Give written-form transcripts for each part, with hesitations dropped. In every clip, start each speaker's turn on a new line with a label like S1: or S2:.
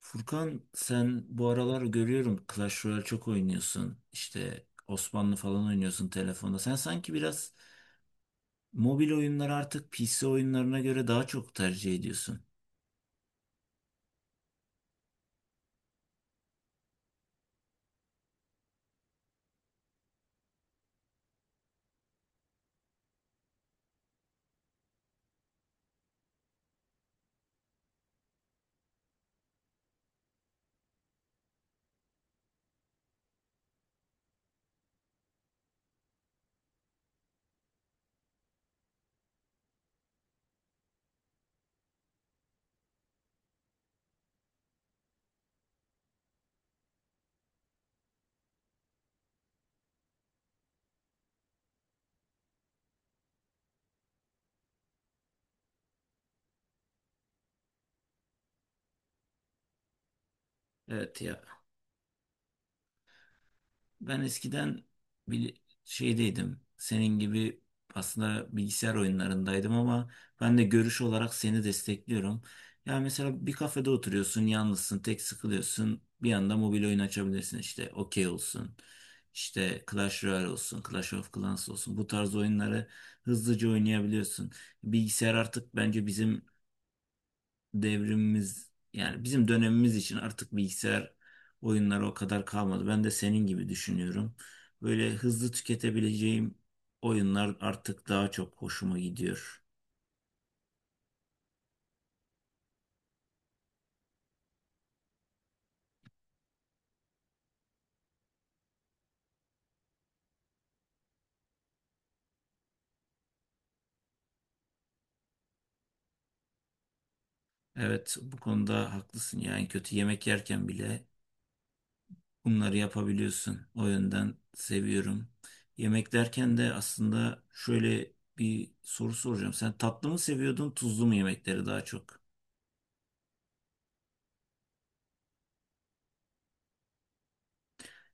S1: Furkan, sen bu aralar görüyorum Clash Royale çok oynuyorsun. İşte Osmanlı falan oynuyorsun telefonda. Sen sanki biraz mobil oyunları artık PC oyunlarına göre daha çok tercih ediyorsun. Evet ya. Ben eskiden bir şeydeydim. Senin gibi aslında bilgisayar oyunlarındaydım ama ben de görüş olarak seni destekliyorum. Ya mesela bir kafede oturuyorsun, yalnızsın, tek sıkılıyorsun. Bir anda mobil oyun açabilirsin işte. Okey olsun. İşte Clash Royale olsun, Clash of Clans olsun. Bu tarz oyunları hızlıca oynayabiliyorsun. Bilgisayar artık bence bizim devrimimiz yani bizim dönemimiz için artık bilgisayar oyunları o kadar kalmadı. Ben de senin gibi düşünüyorum. Böyle hızlı tüketebileceğim oyunlar artık daha çok hoşuma gidiyor. Evet, bu konuda haklısın. Yani kötü yemek yerken bile bunları yapabiliyorsun. O yönden seviyorum. Yemek derken de aslında şöyle bir soru soracağım. Sen tatlı mı seviyordun, tuzlu mu yemekleri daha çok?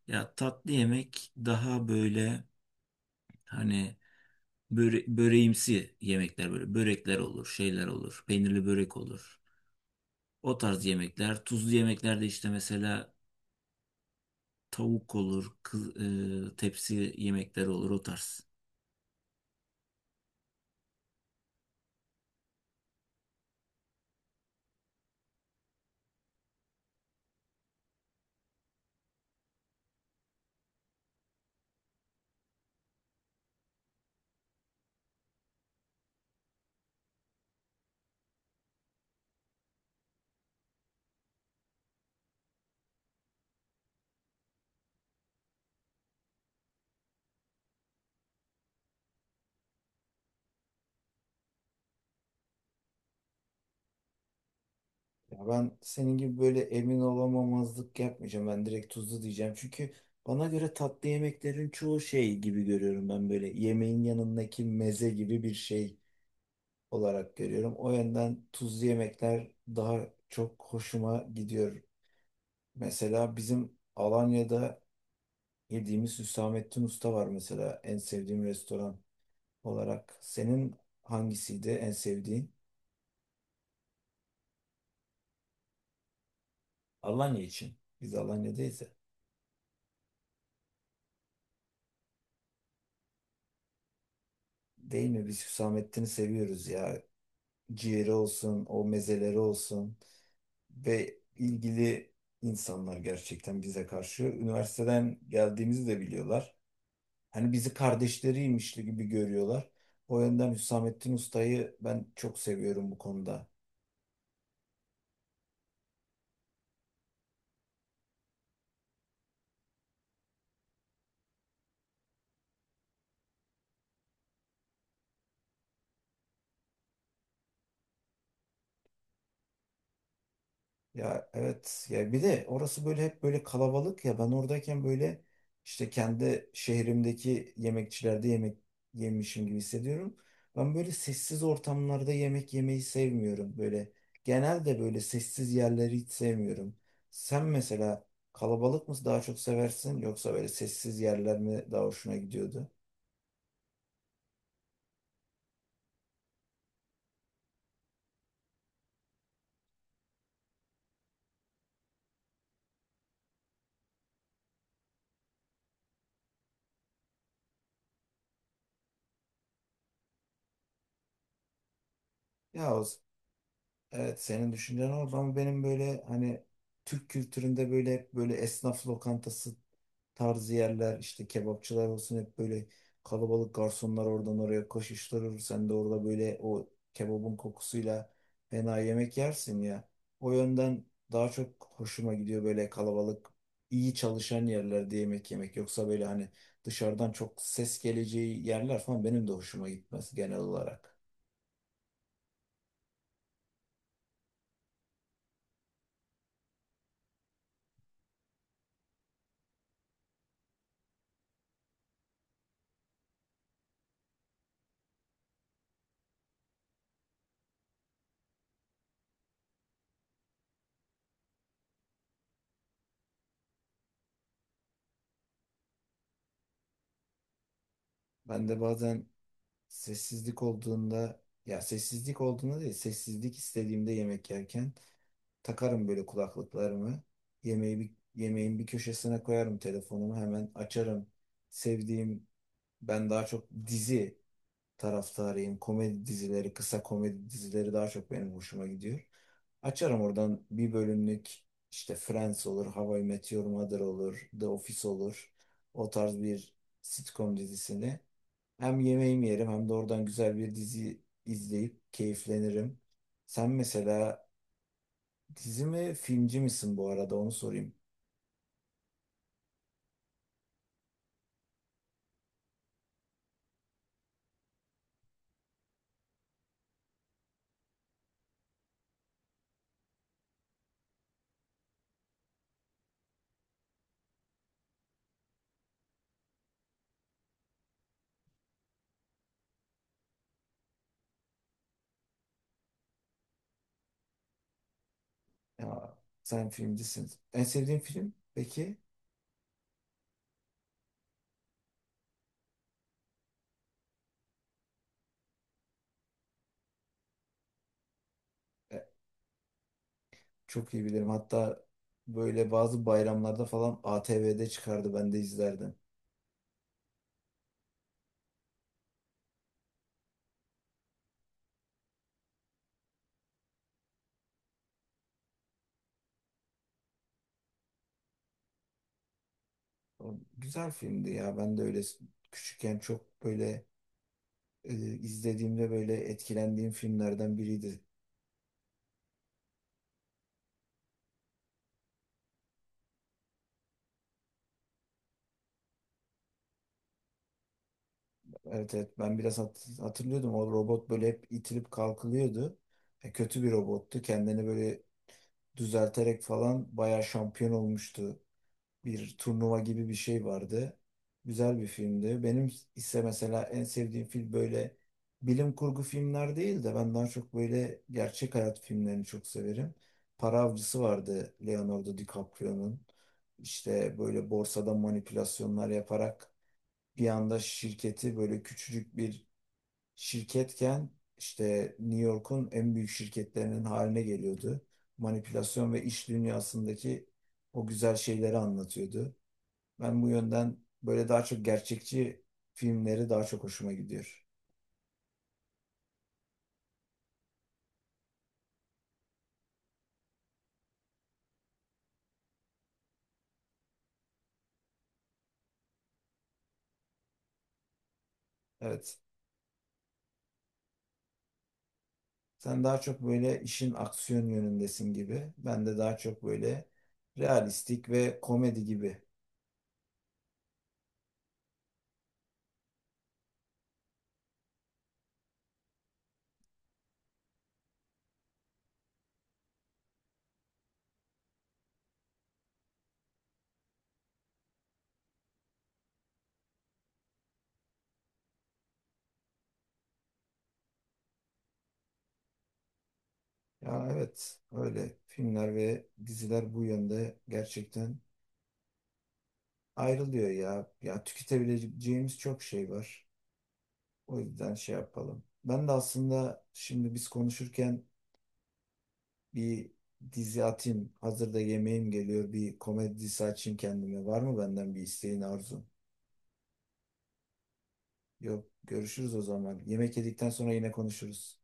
S1: Ya tatlı yemek daha böyle hani böreğimsi yemekler böyle. Börekler olur, şeyler olur. Peynirli börek olur. O tarz yemekler. Tuzlu yemeklerde işte mesela tavuk olur, kız, tepsi yemekleri olur o tarz. Ya ben senin gibi böyle emin olamamazlık yapmayacağım. Ben direkt tuzlu diyeceğim. Çünkü bana göre tatlı yemeklerin çoğu şey gibi görüyorum, ben böyle yemeğin yanındaki meze gibi bir şey olarak görüyorum. O yönden tuzlu yemekler daha çok hoşuma gidiyor. Mesela bizim Alanya'da yediğimiz Hüsamettin Usta var mesela en sevdiğim restoran olarak. Senin hangisiydi en sevdiğin? Alanya için. Biz Alanya'dayız ya. Değil mi? Biz Hüsamettin'i seviyoruz ya. Ciğeri olsun, o mezeleri olsun ve ilgili insanlar gerçekten bize karşı. Üniversiteden geldiğimizi de biliyorlar. Hani bizi kardeşleriymiş gibi görüyorlar. O yönden Hüsamettin Usta'yı ben çok seviyorum bu konuda. Ya evet ya, bir de orası böyle hep böyle kalabalık ya, ben oradayken böyle işte kendi şehrimdeki yemekçilerde yemek yemişim gibi hissediyorum. Ben böyle sessiz ortamlarda yemek yemeyi sevmiyorum böyle. Genelde böyle sessiz yerleri hiç sevmiyorum. Sen mesela kalabalık mı daha çok seversin yoksa böyle sessiz yerler mi daha hoşuna gidiyordu? Ya o Evet, senin düşüncen orada ama benim böyle hani Türk kültüründe böyle hep böyle esnaf lokantası tarzı yerler, işte kebapçılar olsun, hep böyle kalabalık garsonlar oradan oraya koşuşturur. Sen de orada böyle o kebabın kokusuyla fena yemek yersin ya. O yönden daha çok hoşuma gidiyor böyle kalabalık iyi çalışan yerlerde yemek yemek. Yoksa böyle hani dışarıdan çok ses geleceği yerler falan benim de hoşuma gitmez genel olarak. Ben de bazen sessizlik olduğunda değil, sessizlik istediğimde yemek yerken takarım böyle kulaklıklarımı, yemeği yemeğin bir köşesine koyarım, telefonumu hemen açarım sevdiğim, ben daha çok dizi taraftarıyım, komedi dizileri, kısa komedi dizileri daha çok benim hoşuma gidiyor, açarım oradan bir bölümlük, işte Friends olur, How I Met Your Mother olur, The Office olur, o tarz bir sitcom dizisini hem yemeğimi yerim hem de oradan güzel bir dizi izleyip keyiflenirim. Sen mesela dizi mi filmci misin, bu arada onu sorayım. Ya, sen filmcisin. En sevdiğin film peki? E, Çok iyi bilirim. Hatta böyle bazı bayramlarda falan ATV'de çıkardı, ben de izlerdim. O güzel filmdi ya. Ben de öyle küçükken çok böyle izlediğimde böyle etkilendiğim filmlerden biriydi. Evet evet, ben biraz hatırlıyordum, o robot böyle hep itilip kalkılıyordu. Kötü bir robottu. Kendini böyle düzelterek falan bayağı şampiyon olmuştu. Bir turnuva gibi bir şey vardı. Güzel bir filmdi. Benim ise mesela en sevdiğim film böyle bilim kurgu filmler değil de, ben daha çok böyle gerçek hayat filmlerini çok severim. Para Avcısı vardı, Leonardo DiCaprio'nun. İşte böyle borsada manipülasyonlar yaparak bir anda şirketi, böyle küçücük bir şirketken, işte New York'un en büyük şirketlerinin haline geliyordu. Manipülasyon ve iş dünyasındaki o güzel şeyleri anlatıyordu. Ben bu yönden böyle daha çok gerçekçi filmleri daha çok hoşuma gidiyor. Evet. Sen daha çok böyle işin aksiyon yönündesin gibi. Ben de daha çok böyle realistik ve komedi gibi. Ya evet, öyle filmler ve diziler bu yönde gerçekten ayrılıyor ya. Ya tüketebileceğimiz çok şey var. O yüzden şey yapalım. Ben de aslında şimdi biz konuşurken bir dizi atayım. Hazırda yemeğim geliyor. Bir komedi dizisi açayım kendime. Var mı benden bir isteğin, arzun? Yok. Görüşürüz o zaman. Yemek yedikten sonra yine konuşuruz.